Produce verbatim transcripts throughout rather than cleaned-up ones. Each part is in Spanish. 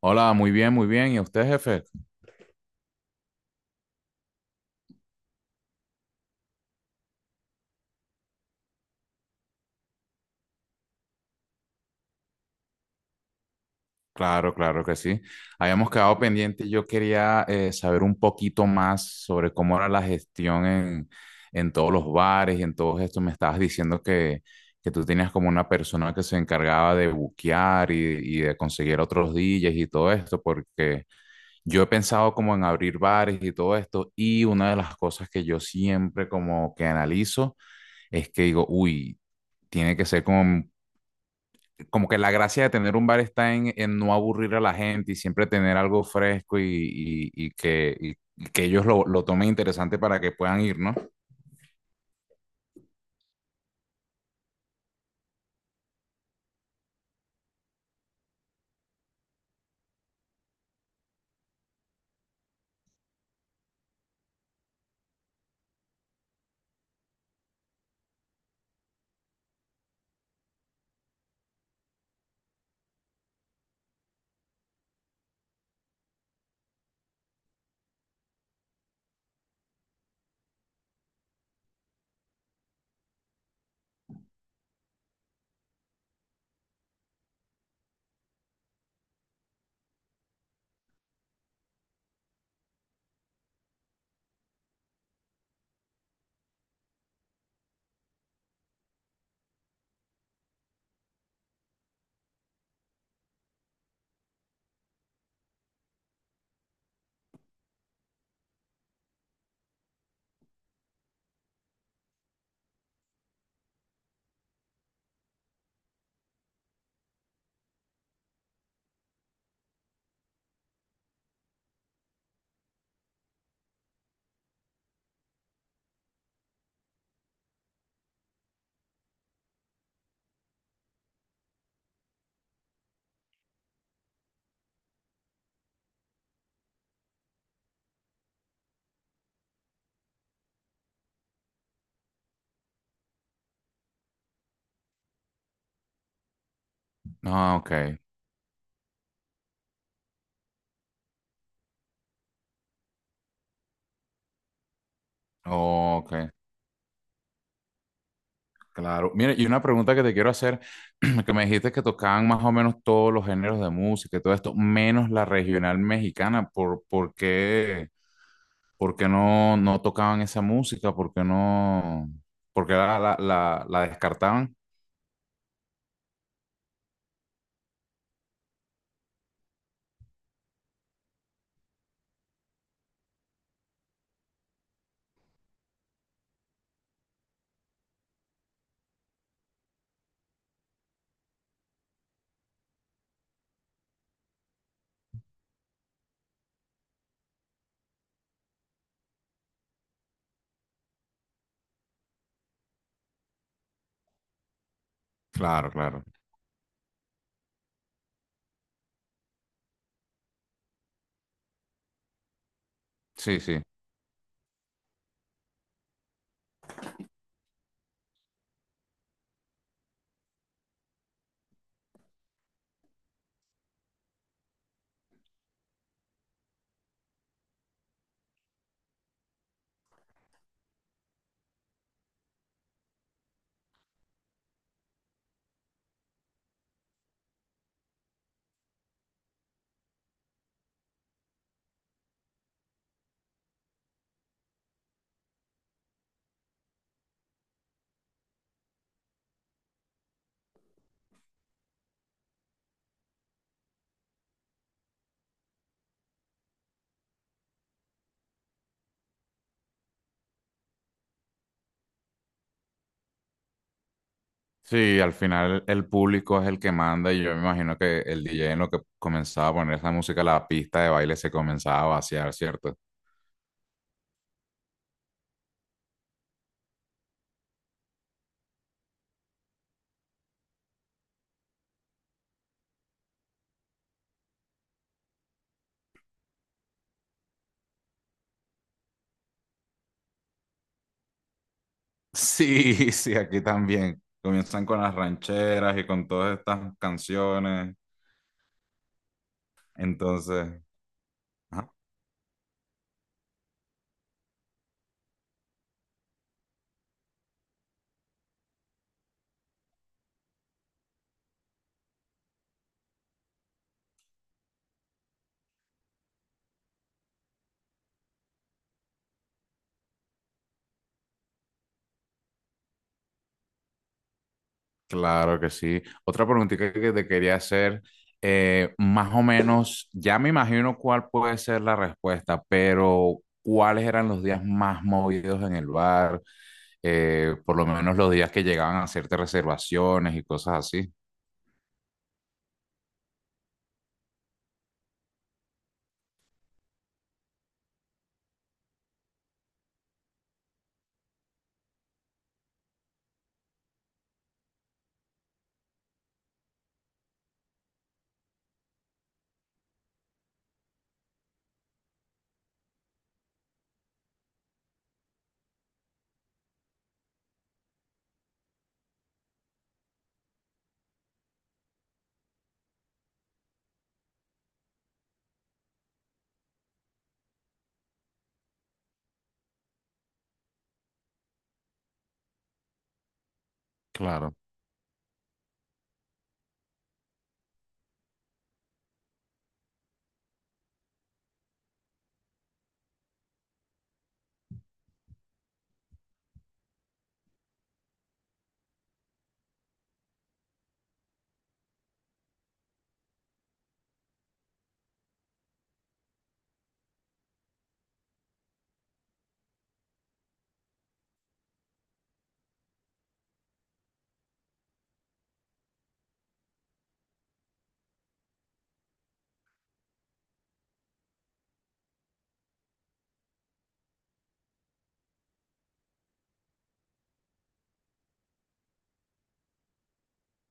Hola, muy bien, muy bien. ¿Y usted, jefe? Claro, claro que sí. Habíamos quedado pendiente. Yo quería eh, saber un poquito más sobre cómo era la gestión en, en todos los bares y en todo esto. Me estabas diciendo que, que tú tenías como una persona que se encargaba de buquear y, y de conseguir otros D Js y todo esto, porque yo he pensado como en abrir bares y todo esto. Y una de las cosas que yo siempre como que analizo es que digo, uy, tiene que ser como como que la gracia de tener un bar está en, en no aburrir a la gente y siempre tener algo fresco y, y- y que, y- y que ellos lo, lo tomen interesante para que puedan ir, ¿no? Ah, ok. Oh, ok, claro. Mira, y una pregunta que te quiero hacer, que me dijiste que tocaban más o menos todos los géneros de música y todo esto, menos la regional mexicana, ¿por, por qué, por qué no, no tocaban esa música? ¿Por qué no, por qué la, la, la la descartaban? Claro, claro. Sí, sí. Sí, al final el público es el que manda y yo me imagino que el D J en lo que comenzaba a poner esa música, la pista de baile se comenzaba a vaciar, ¿cierto? Sí, sí, aquí también. Comienzan con las rancheras y con todas estas canciones. Entonces, ajá. Claro que sí. Otra preguntita que te quería hacer, eh, más o menos, ya me imagino cuál puede ser la respuesta, pero ¿cuáles eran los días más movidos en el bar? Eh, por lo menos los días que llegaban a hacerte reservaciones y cosas así. Claro,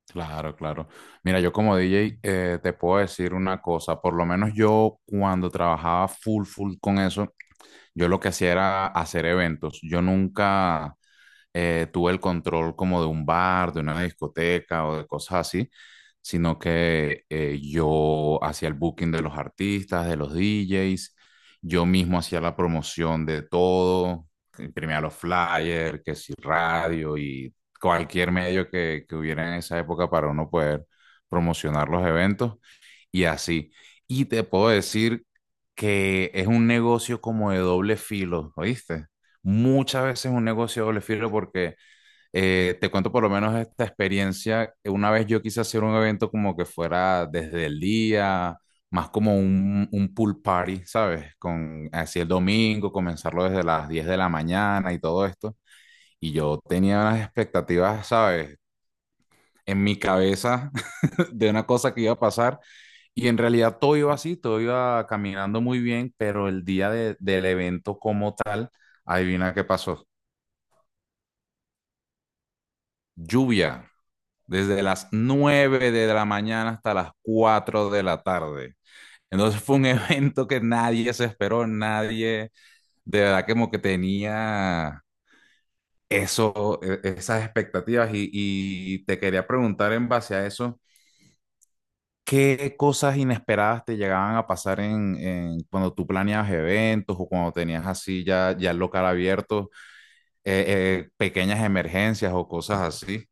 claro, claro. Mira, yo como D J eh, te puedo decir una cosa, por lo menos yo cuando trabajaba full, full con eso, yo lo que hacía era hacer eventos. Yo nunca... eh, tuve el control como de un bar, de una discoteca o de cosas así, sino que eh, yo hacía el booking de los artistas, de los D Js, yo mismo hacía la promoción de todo, imprimía los flyers, que si radio y cualquier medio que, que hubiera en esa época para uno poder promocionar los eventos y así. Y te puedo decir que es un negocio como de doble filo, ¿oíste? Muchas veces es un negocio de doble filo porque eh, te cuento por lo menos esta experiencia. Una vez yo quise hacer un evento como que fuera desde el día, más como un, un pool party, ¿sabes? Con así el domingo, comenzarlo desde las diez de la mañana y todo esto. Y yo tenía unas expectativas, ¿sabes? En mi cabeza de una cosa que iba a pasar. Y en realidad todo iba así, todo iba caminando muy bien, pero el día de- del evento como tal, adivina qué pasó. Lluvia, desde las nueve de la mañana hasta las cuatro de la tarde. Entonces fue un evento que nadie se esperó, nadie de verdad como que tenía eso, e- esas expectativas. Y, y te quería preguntar en base a eso. ¿Qué cosas inesperadas te llegaban a pasar en, en cuando tú planeabas eventos o cuando tenías así ya, ya el local abierto, eh, eh, pequeñas emergencias o cosas así?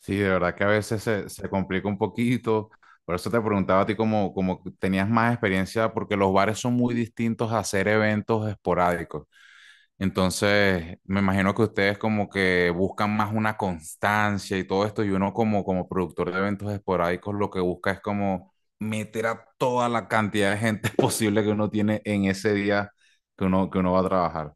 Sí, de verdad que a veces se, se complica un poquito. Por eso te preguntaba a ti como, como tenías más experiencia, porque los bares son muy distintos a hacer eventos esporádicos. Entonces, me imagino que ustedes como que buscan más una constancia y todo esto, y uno como, como productor de eventos esporádicos lo que busca es como meter a toda la cantidad de gente posible que uno tiene en ese día que uno, que uno va a trabajar.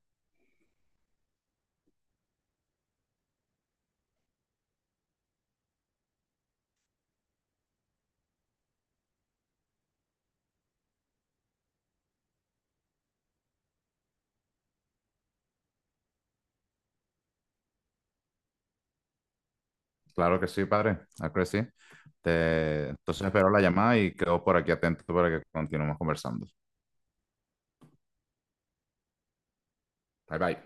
Claro que sí, padre, claro que sí. Te- entonces espero la llamada y quedo por aquí atento para que continuemos conversando. Bye bye.